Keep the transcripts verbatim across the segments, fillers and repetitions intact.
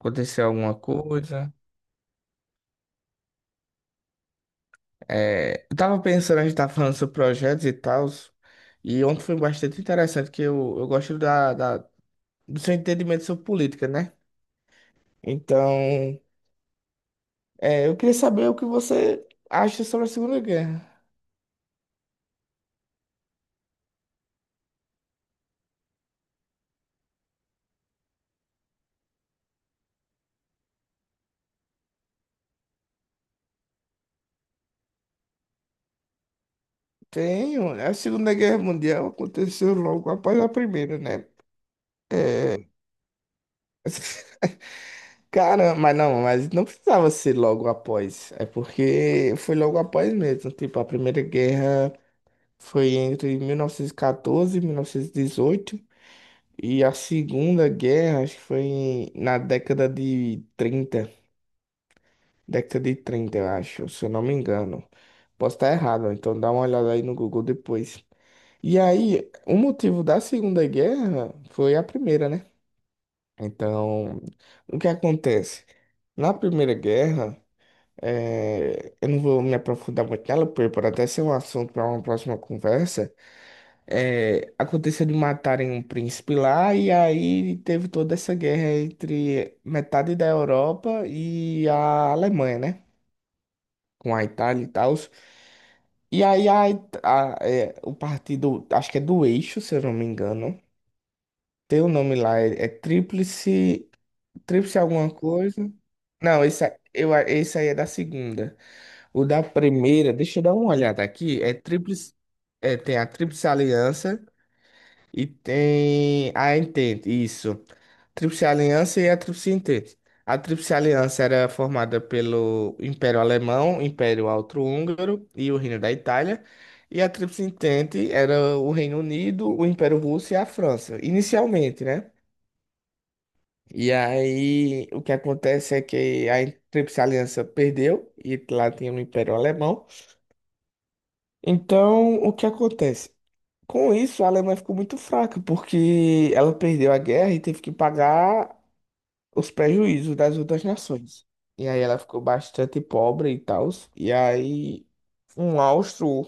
Aconteceu alguma coisa? É, eu tava pensando, a gente tava falando sobre projetos e tal, e ontem foi bastante interessante, que eu, eu gosto da, da- do seu entendimento sobre política, né? Então, é, eu queria saber o que você acha sobre a Segunda Guerra. Tenho, a Segunda Guerra Mundial aconteceu logo após a Primeira, né? É... Cara, mas não, mas não precisava ser logo após. É porque foi logo após mesmo. Tipo, a Primeira Guerra. Foi entre mil novecentos e quatorze e mil novecentos e dezoito. E mil novecentos e dezoito. E a Segunda Guerra, acho que foi em- na década de trinta. Década de trinta, eu acho, se eu não me engano. Posso estar errado, então dá uma olhada aí no Google depois. E aí, o motivo da Segunda Guerra foi a primeira, né? Então, o que acontece? Na Primeira Guerra, eh, eu não vou me aprofundar muito nela, porque pode até ser um assunto para uma próxima conversa. É, aconteceu de matarem um príncipe lá, e aí teve toda essa guerra entre metade da Europa e a Alemanha, né? Com a Itália e tal. E aí a, It- a- é, o partido, acho que é do Eixo, se eu não me engano. Tem o nome lá, é, é Tríplice, Tríplice alguma coisa. Não, esse, a- eu, a- esse aí é da segunda. O da primeira, deixa eu dar uma olhada aqui, é Tríplice, é, tem a Tríplice Aliança. E tem a Entente, isso. Tríplice Aliança e a Tríplice Entente. A Tríplice Aliança era formada pelo Império Alemão, Império Austro-Húngaro e o Reino da Itália. E a Tríplice Entente era o Reino Unido, o Império Russo e a França, inicialmente, né? E aí o que acontece é que a Tríplice Aliança perdeu e lá tinha o Império Alemão. Então, o que acontece? Com isso, a Alemanha ficou muito fraca, porque ela perdeu a guerra e teve que pagar os prejuízos das outras nações. E aí ela ficou bastante pobre e tal. E aí um austro,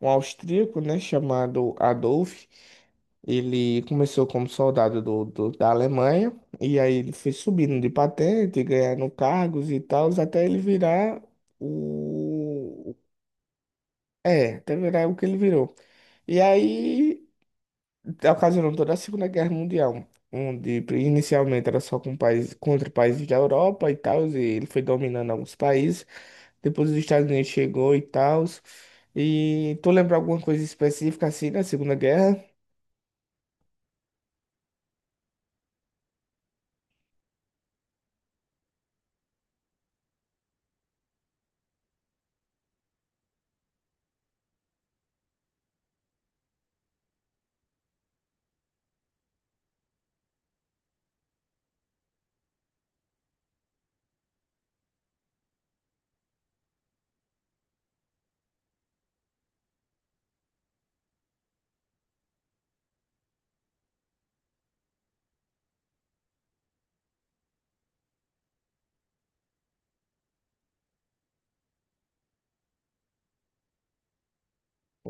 um austríaco, né, chamado Adolf, ele começou como soldado do, do- da Alemanha, e aí ele foi subindo de patente, ganhando cargos e tal, até ele virar o... É, até virar o que ele virou. E aí ocasionou toda a Segunda Guerra Mundial, onde pri- inicialmente era só com países, contra países da Europa e tal, e ele foi dominando alguns países. Depois os Estados Unidos chegou e tal. E tu lembra alguma coisa específica assim da Segunda Guerra?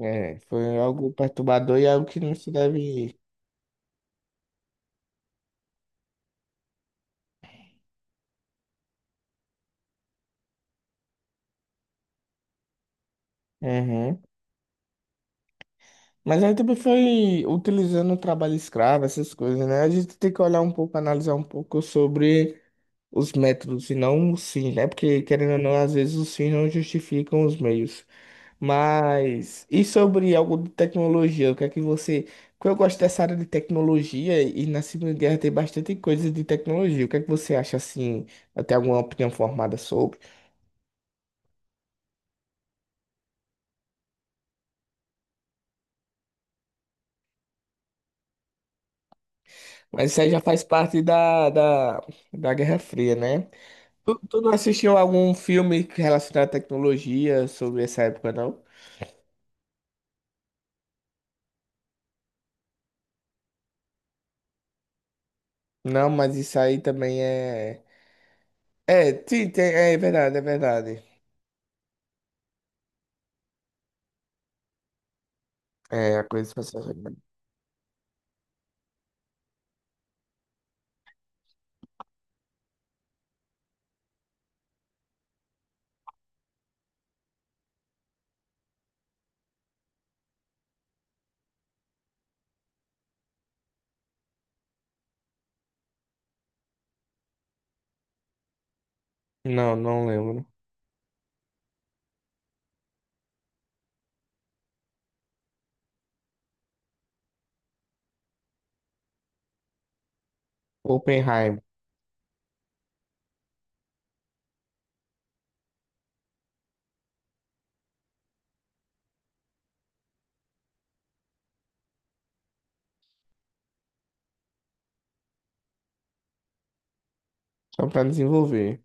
É, foi algo perturbador e algo que não se deve. Uhum. Mas aí também foi utilizando o trabalho escravo, essas coisas, né? A gente tem que olhar um pouco, analisar um pouco sobre os métodos e não os fins, né? Porque, querendo ou não, às vezes os fins não justificam os meios. Mas, e sobre algo de tecnologia? O que é que você. Porque eu gosto dessa área de tecnologia e na Segunda Guerra tem bastante coisa de tecnologia. O que é que você acha assim? Eu tenho alguma opinião formada sobre? Mas isso aí já faz parte da, da, da Guerra Fria, né? Tu não assistiu algum filme relacionado à tecnologia sobre essa época, não? Não, mas isso aí também é. É, sim, tem- é verdade, é verdade. É, a coisa espacial. Não, não lembro. Oppenheim, só para desenvolver.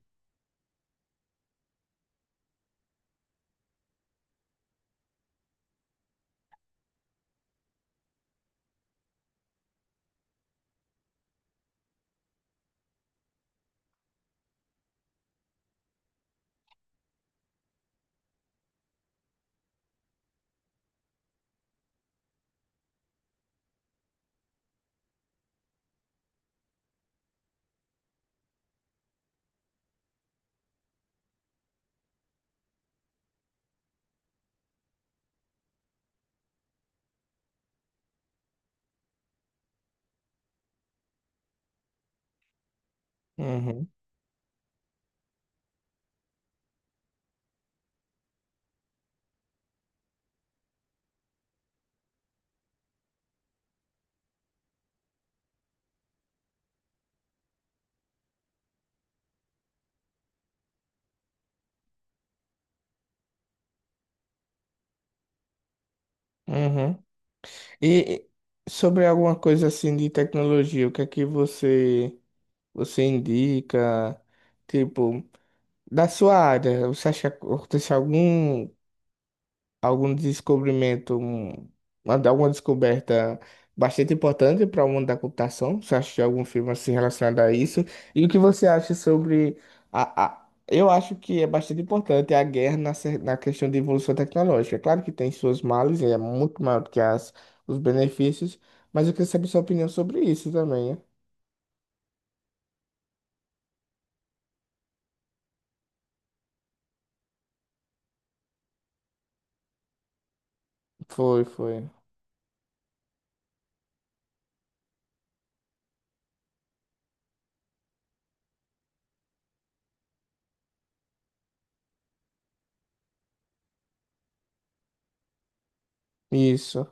Uhum, uhum. E e sobre alguma coisa assim de tecnologia, o que é que você você indica? Tipo, da sua área, você acha que aconteceu algum algum descobrimento, um- uma- alguma descoberta bastante importante para o mundo da computação? Você acha de algum filme assim relacionado a isso? E o que você acha sobre a, a- eu acho que é bastante importante a guerra na, ce- na questão de evolução tecnológica. É claro que tem suas males, e é muito maior do que as, os benefícios, mas eu queria saber sua opinião sobre isso também, né? Foi, foi. Isso,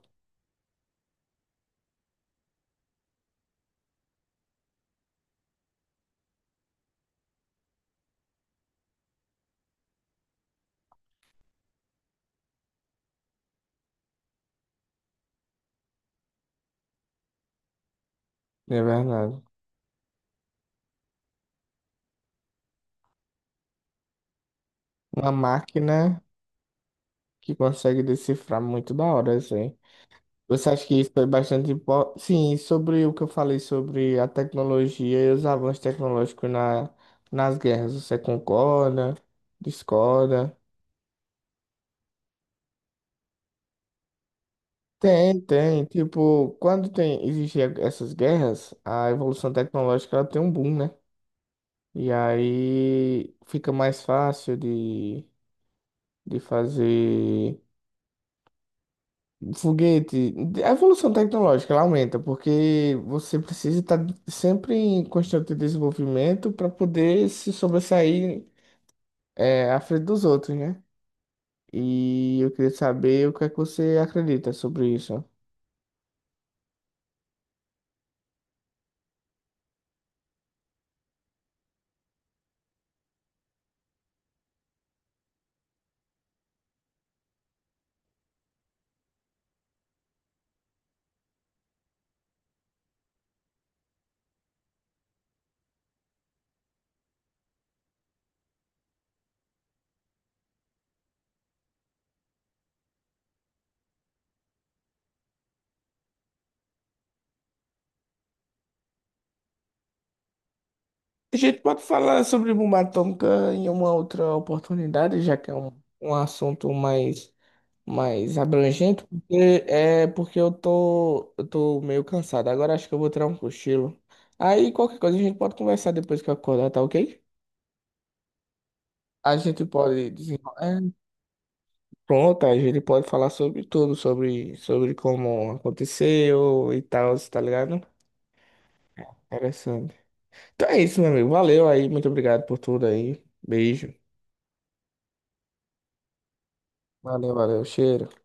é verdade. Uma máquina que consegue decifrar muito da hora, isso. Você acha que isso foi bastante importante? Sim, sobre o que eu falei sobre a tecnologia e os avanços tecnológicos na, nas guerras. Você concorda? Discorda? Tem, tem. Tipo, quando tem, existem essas guerras, a evolução tecnológica ela tem um boom, né? E aí fica mais fácil de, de fazer. Foguete, a evolução tecnológica ela aumenta, porque você precisa estar sempre em constante desenvolvimento para poder se sobressair é, à frente dos outros, né? E eu queria saber o que é que você acredita sobre isso. A gente pode falar sobre bomba atômica em uma outra oportunidade, já que é um, um assunto mais mais abrangente, porque é porque eu tô, eu tô meio cansado. Agora acho que eu vou tirar um cochilo. Aí qualquer coisa a gente pode conversar depois que eu acordar, tá ok? A gente pode desenrolar. é, Pronto, a gente pode falar sobre tudo, sobre, sobre como aconteceu e tal, tá ligado? Interessante. Então é isso, meu amigo. Valeu aí, muito obrigado por tudo aí. Beijo. Valeu, valeu. Cheiro.